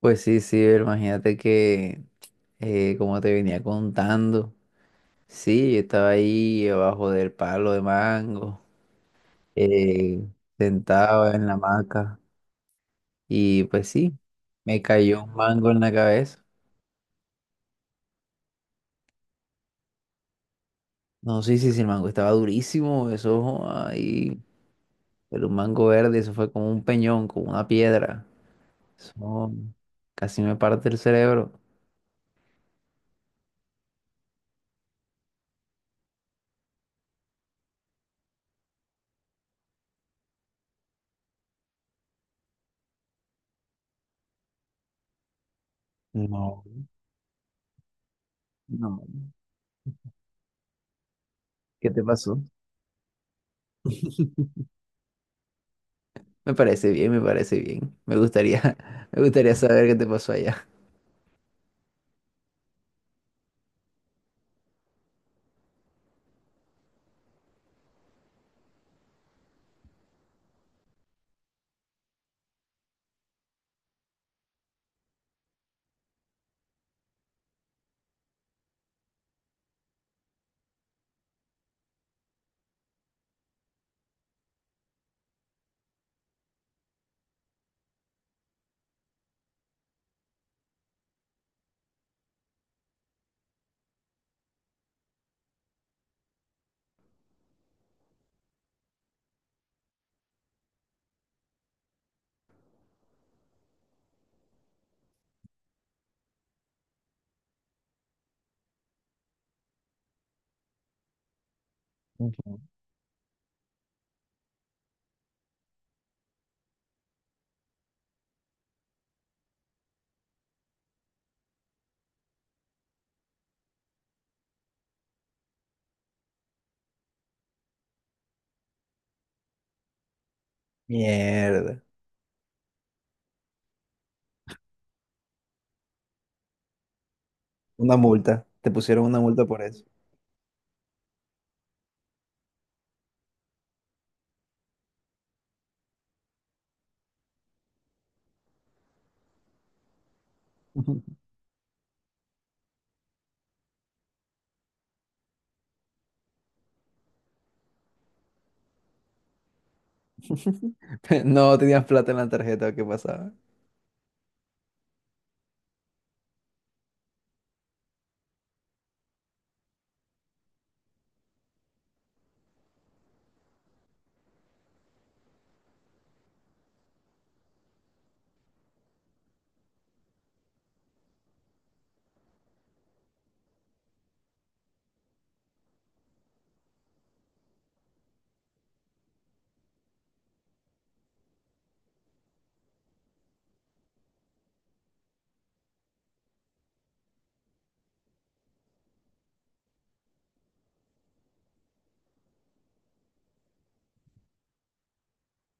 Pues sí, sí, pero imagínate que, como te venía contando, sí, yo estaba ahí abajo del palo de mango, eh, sentado en la hamaca, y pues sí, me cayó un mango en la cabeza. No, sí, sí, sí, el mango estaba durísimo, eso ahí, pero un mango verde, eso fue como un peñón, como una piedra. Eso casi me parte el cerebro. No, no, ¿qué te pasó? Me parece bien, me parece bien. Me gustaría, me gustaría saber qué te pasó allá. Ujú. Mierda. Una multa. Te pusieron una multa por eso. Ujú. ¿No tenías plata en la tarjeta? ¿Qué pasaba?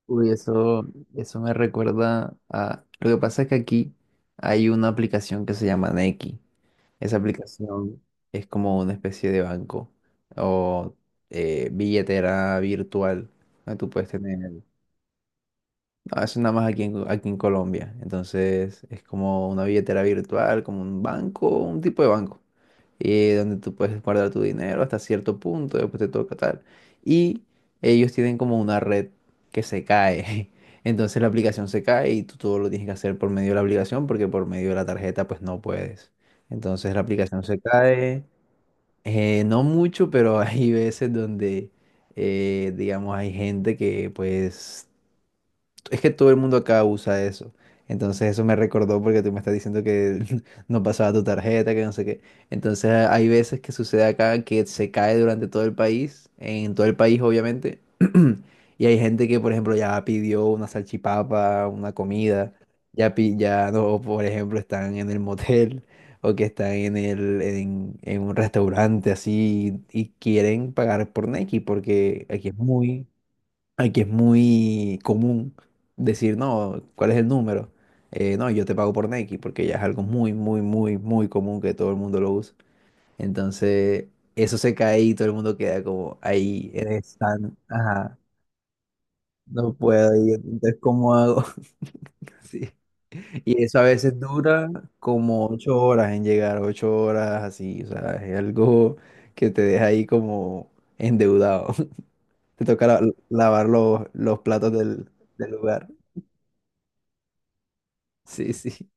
Uy, eso me recuerda a... Lo que pasa es que aquí hay una aplicación que se llama Nequi. Esa aplicación es como una especie de banco o billetera virtual que tú puedes tener. No, eso nada más aquí en, aquí en Colombia. Entonces es como una billetera virtual, como un banco, un tipo de banco. Donde tú puedes guardar tu dinero hasta cierto punto, después te toca tal. Y ellos tienen como una red que se cae. Entonces la aplicación se cae y tú todo lo tienes que hacer por medio de la aplicación porque por medio de la tarjeta pues no puedes. Entonces la aplicación se cae, no mucho, pero hay veces donde, digamos, hay gente que pues es que todo el mundo acá usa eso. Entonces eso me recordó porque tú me estás diciendo que no pasaba tu tarjeta, que no sé qué. Entonces hay veces que sucede acá que se cae durante todo el país, en todo el país obviamente. Y hay gente que, por ejemplo, ya pidió una salchipapa, una comida, ya, pi- ya no, por ejemplo, están en el motel o que están en el, en un restaurante así y quieren pagar por Nequi porque aquí es muy, aquí es muy común decir, no, ¿cuál es el número? No, yo te pago por Nike porque ya es algo muy, muy, muy, muy común que todo el mundo lo usa. Entonces, eso se cae y todo el mundo queda como, ahí eres tan, ajá, no puedo ir, entonces, ¿cómo hago? Sí. Y eso a veces dura como 8 horas en llegar, 8 horas así, o sea, es algo que te deja ahí como endeudado. Te toca la- lavar los platos del, del lugar. Sí, sí.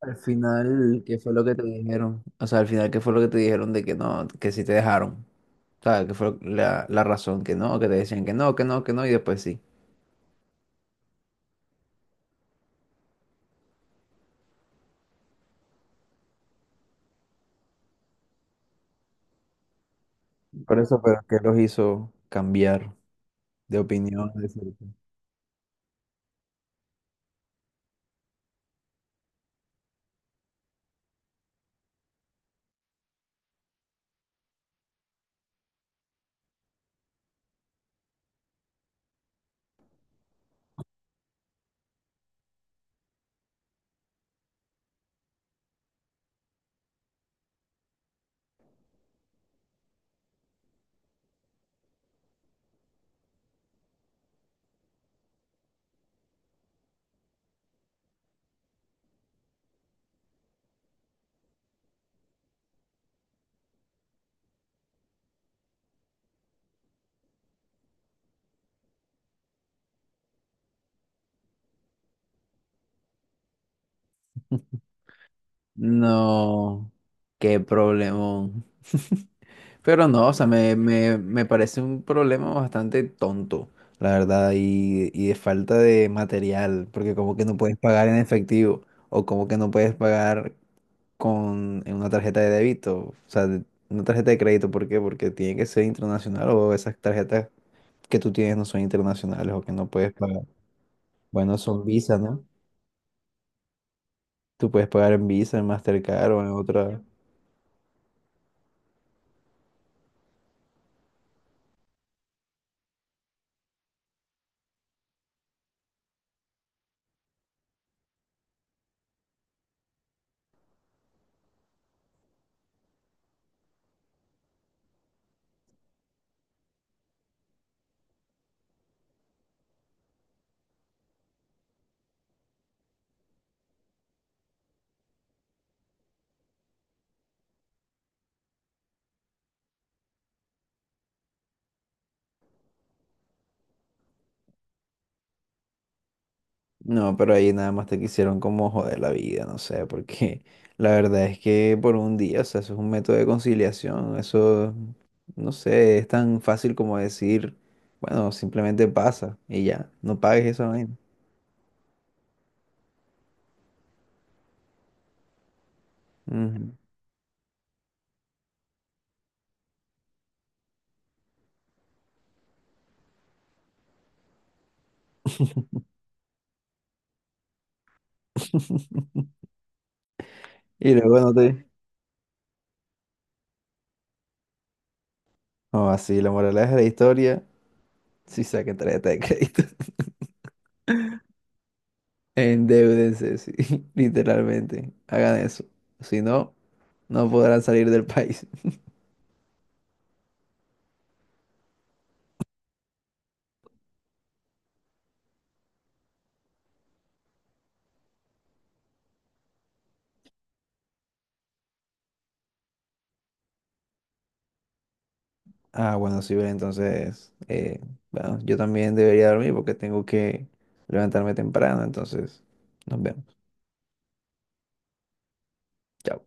Al final, ¿qué fue lo que te dijeron? O sea, al final, ¿qué fue lo que te dijeron de que no, que sí te dejaron? O sea, ¿qué fue la, la razón que no, que te decían que no, que no, que no, y después sí? Por eso, pero ¿qué los hizo cambiar de opinión? ¿De cierto? No, qué problemón. Pero no, o sea, me parece un problema bastante tonto, la verdad, y de falta de material, porque como que no puedes pagar en efectivo, o como que no puedes pagar con en una tarjeta de débito, o sea, de- una tarjeta de crédito, ¿por qué? Porque tiene que ser internacional o esas tarjetas que tú tienes no son internacionales o que no puedes pagar. Bueno, son Visa, ¿no? Tú puedes pagar en Visa, en Mastercard o en otra. No, pero ahí nada más te quisieron como joder la vida, no sé, porque la verdad es que por un día, o sea, eso es un método de conciliación, eso, no sé, es tan fácil como decir, bueno, simplemente pasa y ya, no pagues esa vaina. Ujú. Y luego no te... O así, la moraleja de la historia, sí saquen tarjeta de crédito. Endeúdense, sí, literalmente. Hagan eso. Si no, no podrán salir del país. Ah, bueno, sí, Belén, entonces, bueno, yo también debería dormir porque tengo que levantarme temprano, entonces, nos vemos. Chao.